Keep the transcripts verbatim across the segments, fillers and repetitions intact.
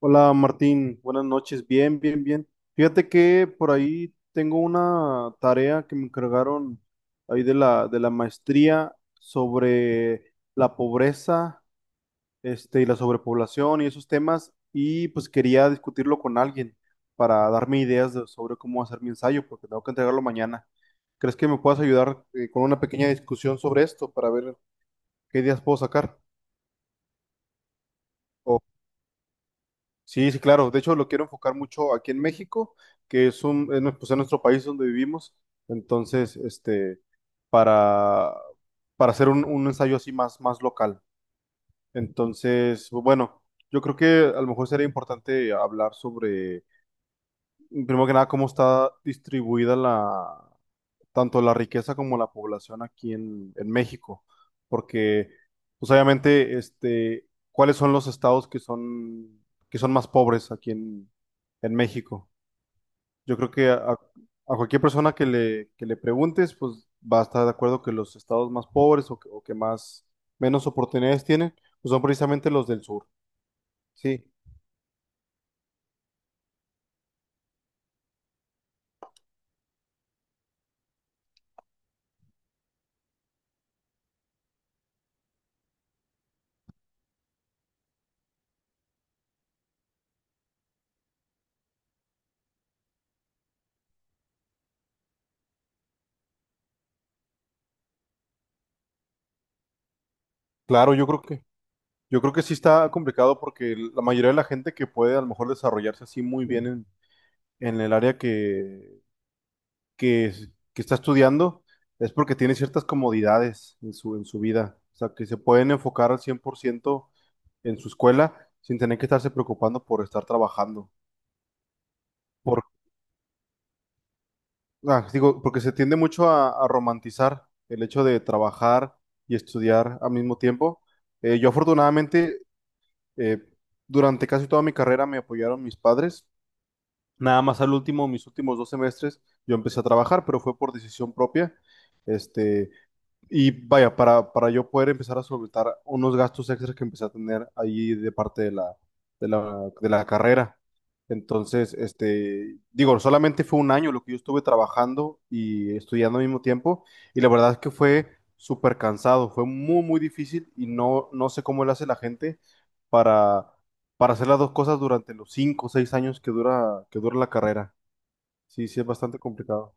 Hola Martín, buenas noches, bien, bien, bien. Fíjate que por ahí tengo una tarea que me encargaron ahí de la, de la maestría sobre la pobreza, este, y la sobrepoblación y esos temas, y pues quería discutirlo con alguien para darme ideas de- sobre cómo hacer mi ensayo, porque tengo que entregarlo mañana. ¿Crees que me puedas ayudar, eh, con una pequeña discusión sobre esto para ver qué ideas puedo sacar? Sí, sí, claro. De hecho, lo quiero enfocar mucho aquí en México, que es un, es nue- pues, es nuestro país donde vivimos. Entonces, este, para, para hacer un, un ensayo así más, más local. Entonces, bueno, yo creo que a lo mejor sería importante hablar sobre, primero que nada, cómo está distribuida la, tanto la riqueza como la población aquí en, en México, porque pues obviamente, este, ¿cuáles son los estados que son, que son más pobres aquí en, en México? Yo creo que a, a cualquier persona que le, que le preguntes, pues va a estar de acuerdo que los estados más pobres o que, o que más, menos oportunidades tienen, pues son precisamente los del sur. Sí, claro, yo creo que, yo creo que sí está complicado porque la mayoría de la gente que puede a lo mejor desarrollarse así muy bien en en el área que, que, que está estudiando es porque tiene ciertas comodidades en su, en su vida. O sea, que se pueden enfocar al cien por ciento en su escuela sin tener que estarse preocupando por estar trabajando. Por, ah, digo, porque se tiende mucho a, a romantizar el hecho de trabajar y estudiar al mismo tiempo. Eh, yo afortunadamente, eh, durante casi toda mi carrera me apoyaron mis padres. Nada más al último, mis últimos dos semestres, yo empecé a trabajar, pero fue por decisión propia. Este, Y vaya, para, para yo poder empezar a solventar unos gastos extras que empecé a tener ahí de parte de la, de la, de la carrera. Entonces, este, digo, solamente fue un año lo que yo estuve trabajando y estudiando al mismo tiempo. Y la verdad es que fue súper cansado, fue muy, muy difícil y no, no sé cómo le hace la gente para, para hacer las dos cosas durante los cinco o seis años que dura, que dura la carrera. Sí, sí, es bastante complicado.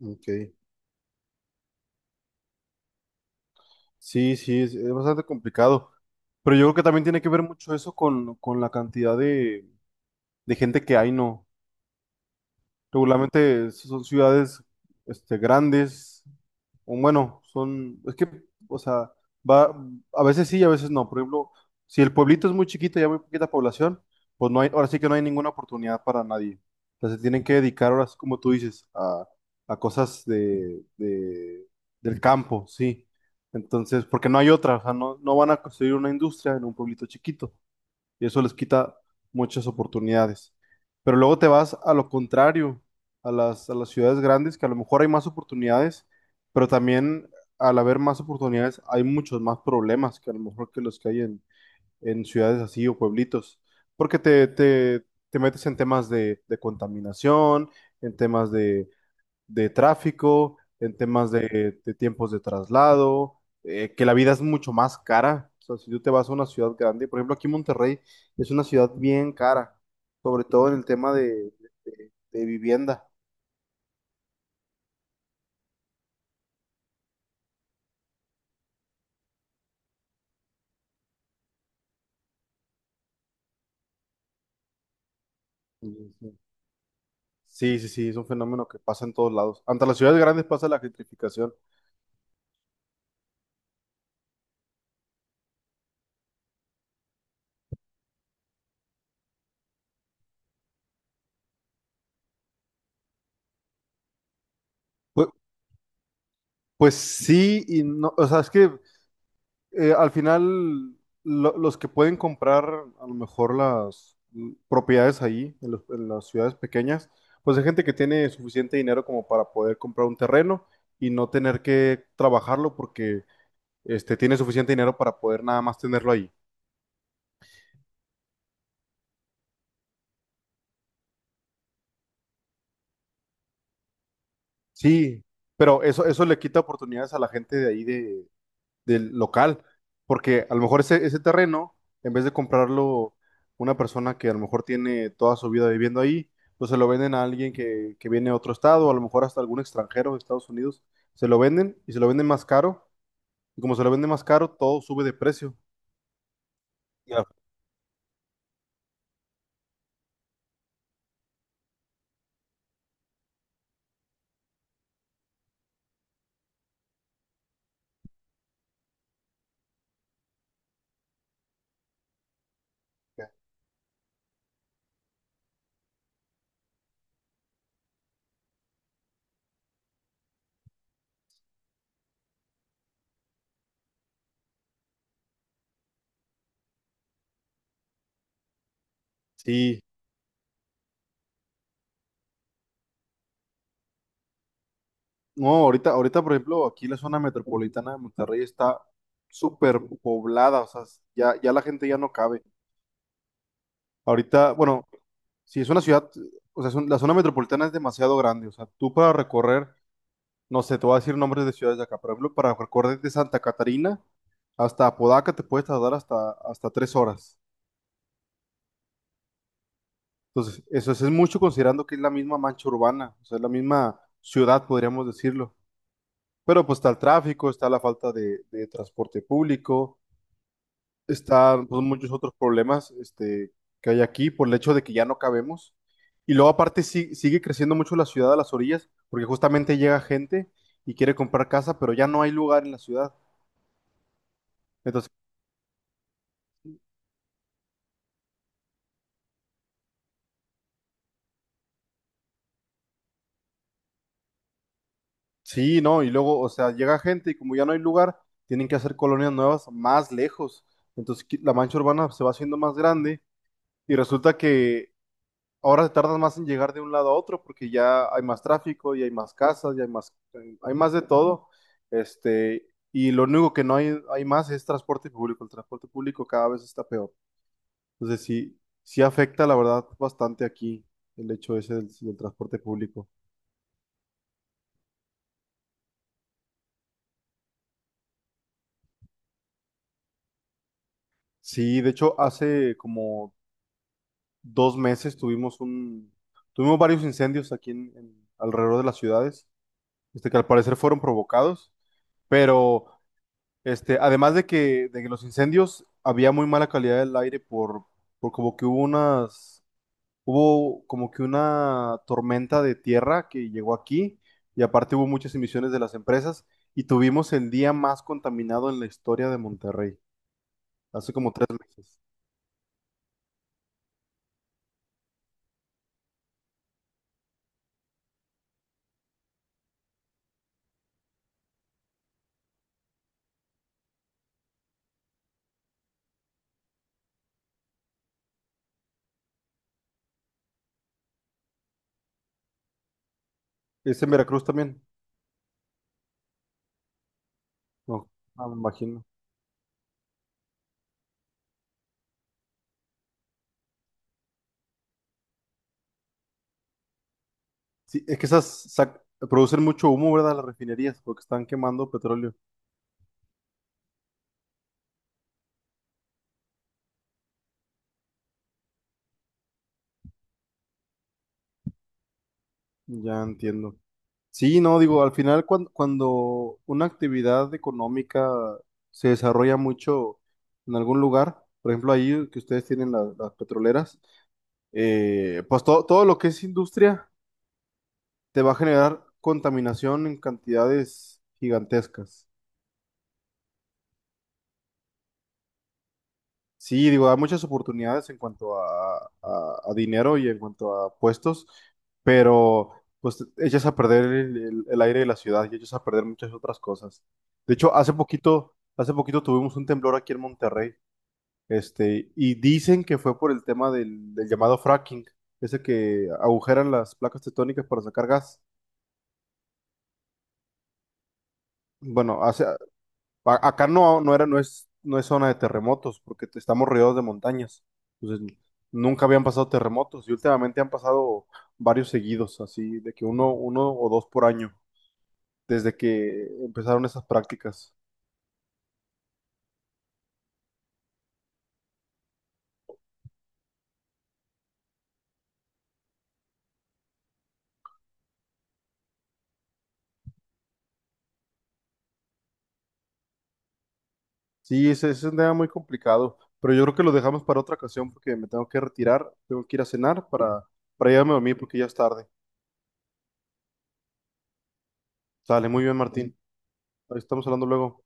Ok. Sí, sí, es, es bastante complicado. Pero yo creo que también tiene que ver mucho eso con, con la cantidad de, de gente que hay, ¿no? Regularmente son ciudades este, grandes, o bueno, son, es que, o sea, va, a veces sí y a veces no. Por ejemplo, si el pueblito es muy chiquito y hay muy poquita población, pues no hay, ahora sí que no hay ninguna oportunidad para nadie. O sea, se tienen que dedicar ahora, sí, como tú dices, a, a cosas de, de- del campo, sí. Entonces, porque no hay otra, o sea, no, no van a construir una industria en un pueblito chiquito y eso les quita muchas oportunidades. Pero luego te vas a lo contrario, a las, a las ciudades grandes, que a lo mejor hay más oportunidades, pero también al haber más oportunidades hay muchos más problemas que a lo mejor que los que hay en, en ciudades así o pueblitos, porque te, te, te metes en temas de, de contaminación, en temas de de tráfico, en temas de, de tiempos de traslado, eh, que la vida es mucho más cara. O sea, si tú te vas a una ciudad grande, por ejemplo, aquí Monterrey es una ciudad bien cara, sobre todo en el tema de, de- de vivienda. Sí, sí. Sí, sí, sí, es un fenómeno que pasa en todos lados. Ante las ciudades grandes pasa la gentrificación. Pues, pues sí y no, o sea, es que eh, al final, lo- los que pueden comprar a lo mejor las mm, propiedades ahí, en, los- en las ciudades pequeñas, pues hay gente que tiene suficiente dinero como para poder comprar un terreno y no tener que trabajarlo porque este, tiene suficiente dinero para poder nada más tenerlo ahí. Sí, pero eso, eso le quita oportunidades a la gente de ahí de, del local, porque a lo mejor ese, ese terreno, en vez de comprarlo una persona que a lo mejor tiene toda su vida viviendo ahí, pues se lo venden a alguien que, que viene de otro estado, a lo mejor hasta algún extranjero de Estados Unidos, se lo venden y se lo venden más caro, y como se lo venden más caro, todo sube de precio. Y a- Sí, no, ahorita, ahorita, por ejemplo, aquí la zona metropolitana de Monterrey está súper poblada, o sea, ya, ya la gente ya no cabe. Ahorita, bueno, si es una ciudad, o sea, es un- la zona metropolitana es demasiado grande. O sea, tú para recorrer, no sé, te voy a decir nombres de ciudades de acá. Por ejemplo, para recorrer de Santa Catarina hasta Apodaca te puedes tardar hasta, hasta tres horas. Entonces, eso es es mucho considerando que es la misma mancha urbana, o sea, es la misma ciudad, podríamos decirlo. Pero pues está el tráfico, está la falta de, de transporte público, están pues, muchos otros problemas este, que hay aquí por el hecho de que ya no cabemos. Y luego aparte sí- sigue creciendo mucho la ciudad a las orillas, porque justamente llega gente y quiere comprar casa, pero ya no hay lugar en la ciudad. Entonces, sí, no, y luego, o sea, llega gente y como ya no hay lugar, tienen que hacer colonias nuevas más lejos. Entonces, qui- la mancha urbana se va haciendo más grande y resulta que ahora se tardan más en llegar de un lado a otro porque ya hay más tráfico y hay más casas y hay más, hay más de todo. Este, y lo único que no hay, hay más es transporte público. El transporte público cada vez está peor. Entonces sí, sí afecta la verdad bastante aquí el hecho ese del, del transporte público. Sí, de hecho hace como dos meses tuvimos un, tuvimos varios incendios aquí en, en- alrededor de las ciudades, este, que al parecer fueron provocados, pero Este, además de que, de que los incendios había muy mala calidad del aire por, por como que hubo unas, hubo como que una tormenta de tierra que llegó aquí y aparte hubo muchas emisiones de las empresas y tuvimos el día más contaminado en la historia de Monterrey, hace como tres meses. ¿Es en Veracruz también? No, ah, me imagino. Sí, es que esas sac- producen mucho humo, ¿verdad? Las refinerías porque están quemando petróleo. Ya entiendo. Sí, no, digo, al final cuan- cuando, una actividad económica se desarrolla mucho en algún lugar, por ejemplo, ahí que ustedes tienen la- las petroleras, eh, pues todo, todo lo que es industria te va a generar contaminación en cantidades gigantescas. Sí, digo, hay muchas oportunidades en cuanto a, a- a dinero y en cuanto a puestos, pero pues echas a perder el, el- el aire de la ciudad y echas a perder muchas otras cosas. De hecho, hace poquito, hace poquito tuvimos un temblor aquí en Monterrey, este, y dicen que fue por el tema del, del llamado fracking, ese que agujeran las placas tectónicas para sacar gas. Bueno, hace, A- Acá no, no era, no es, no es zona de terremotos, porque te- estamos rodeados de montañas. Entonces, nunca habían pasado terremotos y últimamente han pasado varios seguidos, así de que uno, uno o dos por año, desde que empezaron esas prácticas. Sí, ese es un tema muy complicado, pero yo creo que lo dejamos para otra ocasión porque me tengo que retirar, tengo que ir a cenar para, para irme a dormir porque ya es tarde. Sale, muy bien, Martín. Ahí estamos hablando luego.